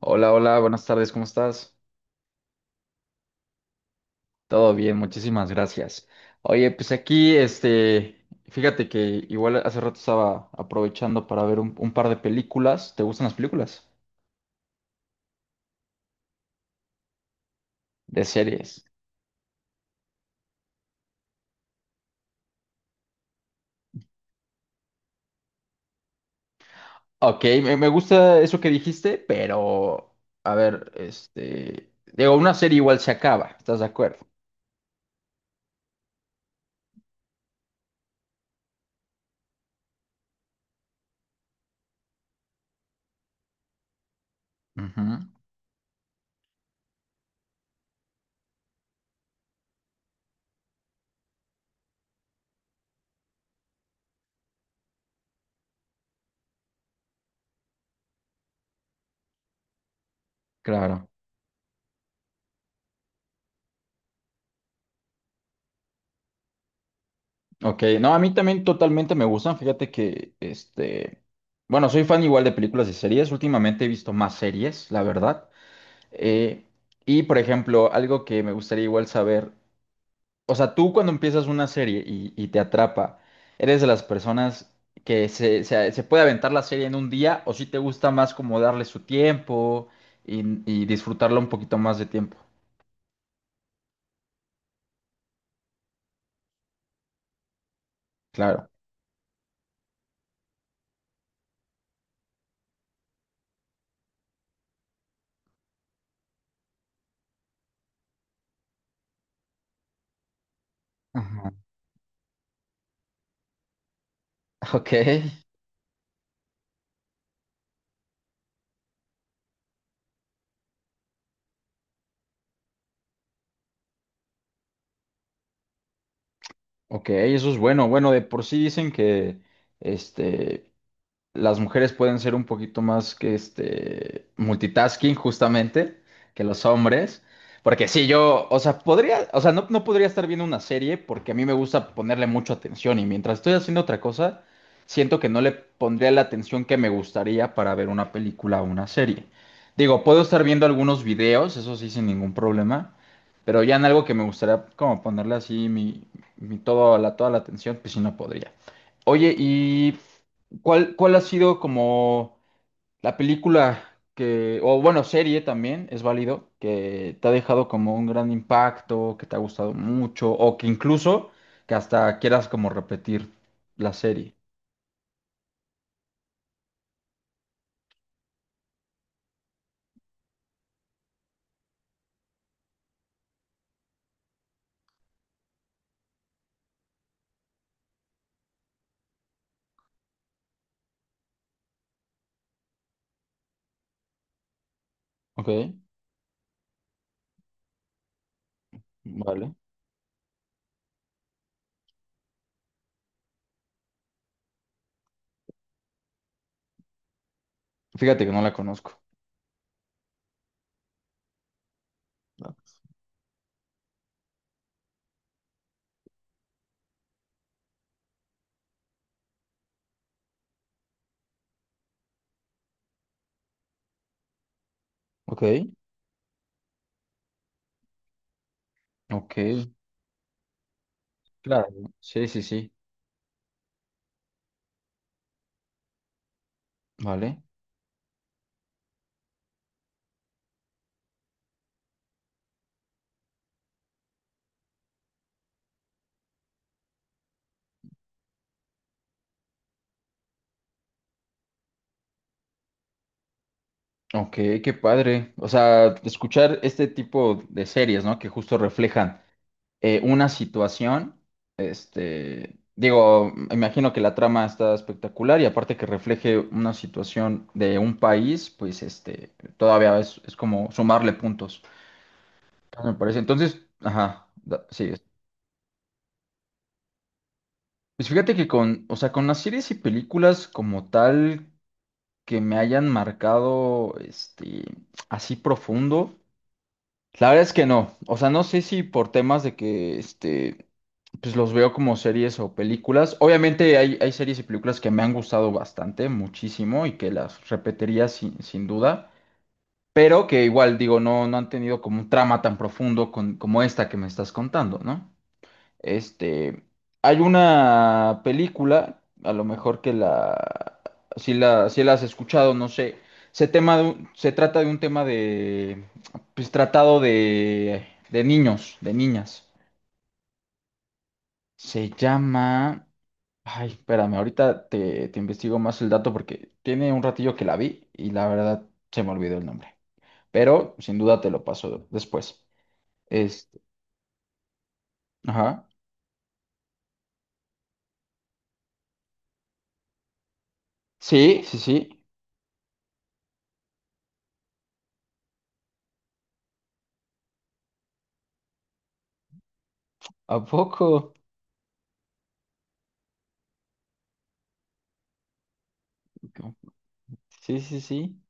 Hola, hola, buenas tardes, ¿cómo estás? Todo bien, muchísimas gracias. Oye, pues aquí, fíjate que igual hace rato estaba aprovechando para ver un par de películas. ¿Te gustan las películas? De series. Ok, me gusta eso que dijiste, pero, a ver, digo, una serie igual se acaba, ¿estás de acuerdo? Ujú, claro. Ok, no, a mí también totalmente me gustan. Fíjate que, bueno, soy fan igual de películas y series. Últimamente he visto más series, la verdad. Eh, y por ejemplo, algo que me gustaría igual saber, o sea, tú cuando empiezas una serie y te atrapa, ¿eres de las personas que se puede aventar la serie en un día o si te gusta más como darle su tiempo y, y disfrutarla un poquito más de tiempo? Claro. Ajá. Ok, ok, eso es bueno. Bueno, de por sí dicen que este, las mujeres pueden ser un poquito más que este multitasking justamente que los hombres. Porque sí, yo, o sea, podría, o sea, no podría estar viendo una serie porque a mí me gusta ponerle mucha atención y mientras estoy haciendo otra cosa, siento que no le pondría la atención que me gustaría para ver una película o una serie. Digo, puedo estar viendo algunos videos, eso sí, sin ningún problema, pero ya en algo que me gustaría como ponerle así mi todo, toda la atención, pues sí no podría. Oye, y cuál ha sido como la película que, o bueno, serie también, es válido, que te ha dejado como un gran impacto, que te ha gustado mucho, o que incluso que hasta quieras como repetir la serie? Ok, vale. Fíjate que no la conozco. Ok, ok, claro. Sí, sí, sí, vale. Ok, qué padre. O sea, escuchar este tipo de series, ¿no? Que justo reflejan una situación. Este, digo, imagino que la trama está espectacular y aparte que refleje una situación de un país, pues este, todavía es como sumarle puntos, me parece. Entonces, ajá, sí. Pues fíjate que con, o sea, con las series y películas como tal que me hayan marcado, este, así profundo. La verdad es que no. O sea, no sé si por temas de que este, pues los veo como series o películas. Obviamente hay, hay series y películas que me han gustado bastante, muchísimo, y que las repetiría sin, sin duda. Pero que igual, digo, no han tenido como un trama tan profundo como esta que me estás contando, ¿no? Este, hay una película, a lo mejor que la, si la has escuchado, no sé. Se trata de un tema de, pues tratado de niños, de niñas. Se llama, ay, espérame, ahorita te investigo más el dato porque tiene un ratillo que la vi y la verdad se me olvidó el nombre. Pero sin duda te lo paso después. Este, ajá. Sí, sí, sí. ¿A poco? Sí, sí, sí.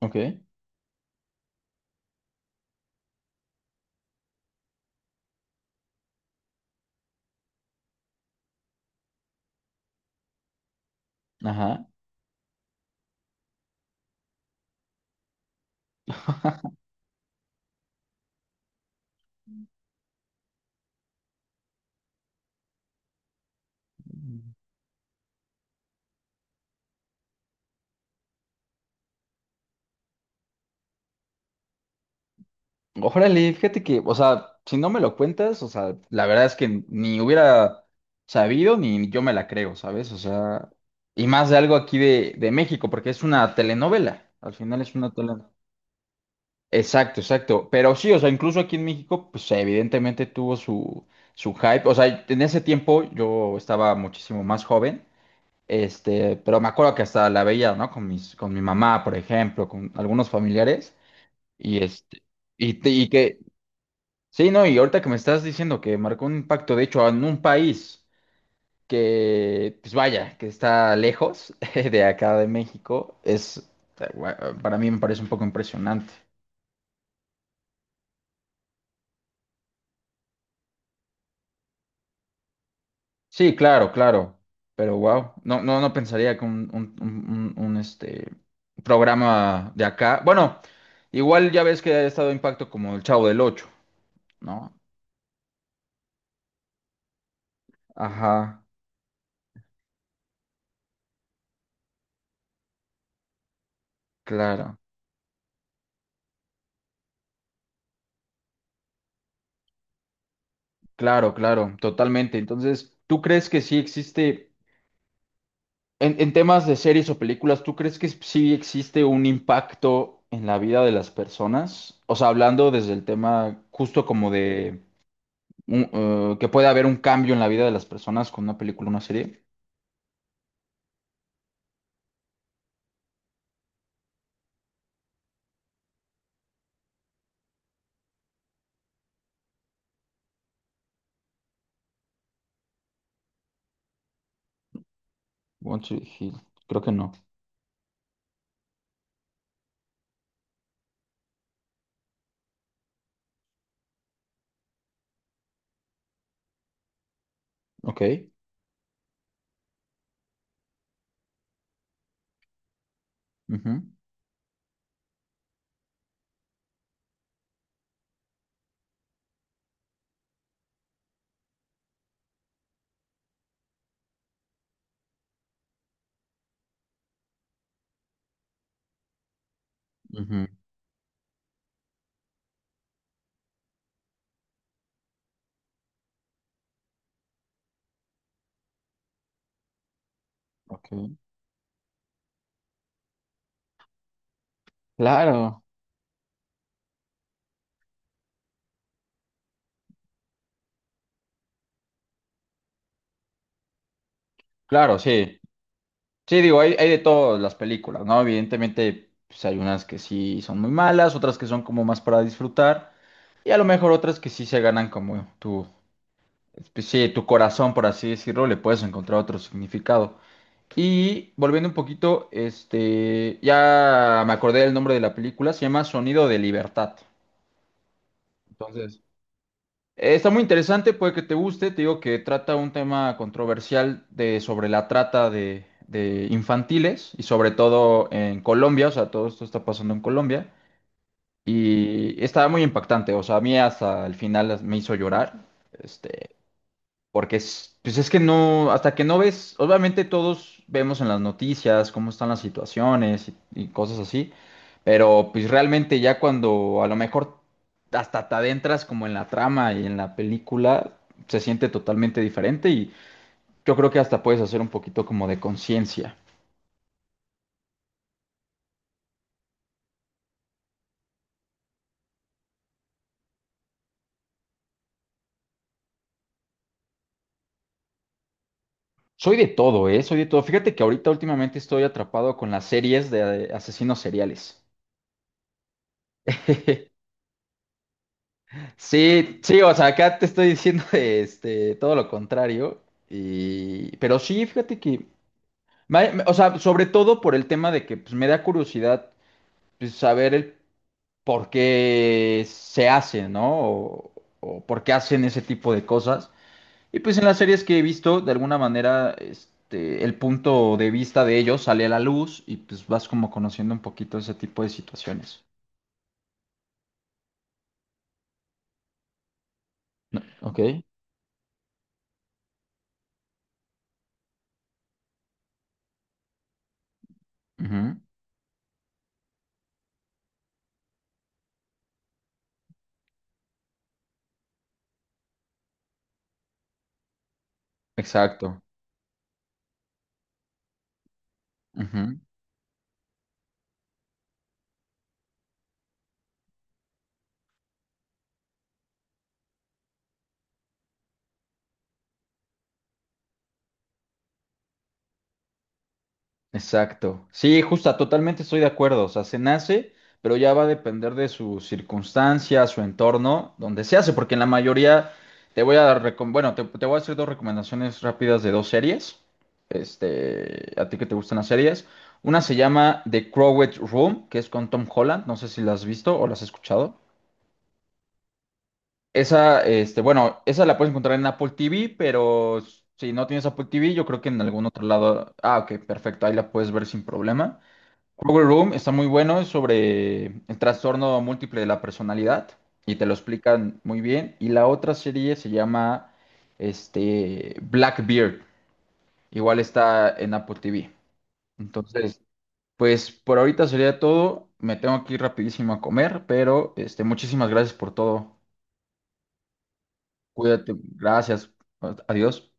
Ok, ajá. Órale, fíjate que, o sea, si no me lo cuentas, o sea, la verdad es que ni hubiera sabido ni yo me la creo, ¿sabes? O sea, y más de algo aquí de México, porque es una telenovela, al final es una telenovela. Exacto, exacto. Pero sí, o sea, incluso aquí en México, pues evidentemente tuvo su, su hype. O sea, en ese tiempo yo estaba muchísimo más joven, este, pero me acuerdo que hasta la veía, ¿no? Con mis, con mi mamá, por ejemplo, con algunos familiares. Y este, y que, sí, no, y ahorita que me estás diciendo que marcó un impacto, de hecho, en un país que, pues vaya, que está lejos de acá de México, es, eh, para mí me parece un poco impresionante. Sí, claro, claro, pero wow, no, no, no pensaría que un, este, programa de acá, bueno, igual ya ves que ha estado impacto como el Chavo del Ocho, ¿no? Ajá, claro. Claro, claro, totalmente. Entonces, ¿tú crees que sí existe, en temas de series o películas, ¿tú crees que sí existe un impacto en la vida de las personas? O sea, hablando desde el tema justo como de que puede haber un cambio en la vida de las personas con una película o una serie. Want to Heal. Creo que no. Ok. Ujú, ujú, ok. Claro, claro, sí. Sí, digo, hay de todas las películas, ¿no? Evidentemente, pues hay unas que sí son muy malas, otras que son como más para disfrutar, y a lo mejor otras que sí se ganan como tu, pues, sí, tu corazón, por así decirlo, le puedes encontrar otro significado. Y volviendo un poquito, este, ya me acordé del nombre de la película, se llama Sonido de Libertad. Entonces, está muy interesante, puede que te guste. Te digo que trata un tema controversial de, sobre la trata de infantiles y sobre todo en Colombia, o sea, todo esto está pasando en Colombia y estaba muy impactante, o sea, a mí hasta el final me hizo llorar. Este, porque es, pues es que no, hasta que no ves, obviamente todos vemos en las noticias cómo están las situaciones y cosas así, pero pues realmente ya cuando a lo mejor hasta te adentras como en la trama y en la película, se siente totalmente diferente y yo creo que hasta puedes hacer un poquito como de conciencia. Soy de todo, ¿eh? Soy de todo. Fíjate que ahorita últimamente estoy atrapado con las series de asesinos seriales. Sí, sí, o sea, acá te estoy diciendo este, todo lo contrario. Y, pero sí, fíjate que, o sea, sobre todo por el tema de que pues, me da curiosidad pues, saber el por qué se hace, ¿no? O por qué hacen ese tipo de cosas. Y pues en las series que he visto, de alguna manera, este, el punto de vista de ellos sale a la luz y pues vas como conociendo un poquito ese tipo de situaciones. Ok. Ujú, exacto. Exacto. Sí, justa, totalmente estoy de acuerdo. O sea, se nace, pero ya va a depender de su circunstancia, su entorno, donde se hace, porque en la mayoría te voy a dar, recom- bueno, te voy a hacer dos recomendaciones rápidas de dos series. Este, a ti que te gustan las series. Una se llama The Crowded Room, que es con Tom Holland. No sé si la has visto o la has escuchado. Esa, este, bueno, esa la puedes encontrar en Apple TV, pero si no tienes Apple TV, yo creo que en algún otro lado. Ah, ok, perfecto, ahí la puedes ver sin problema. Power Room está muy bueno, es sobre el trastorno múltiple de la personalidad y te lo explican muy bien. Y la otra serie se llama este, Blackbeard, igual está en Apple TV. Entonces, pues por ahorita sería todo. Me tengo que ir rapidísimo a comer, pero este, muchísimas gracias por todo. Cuídate, gracias, adiós.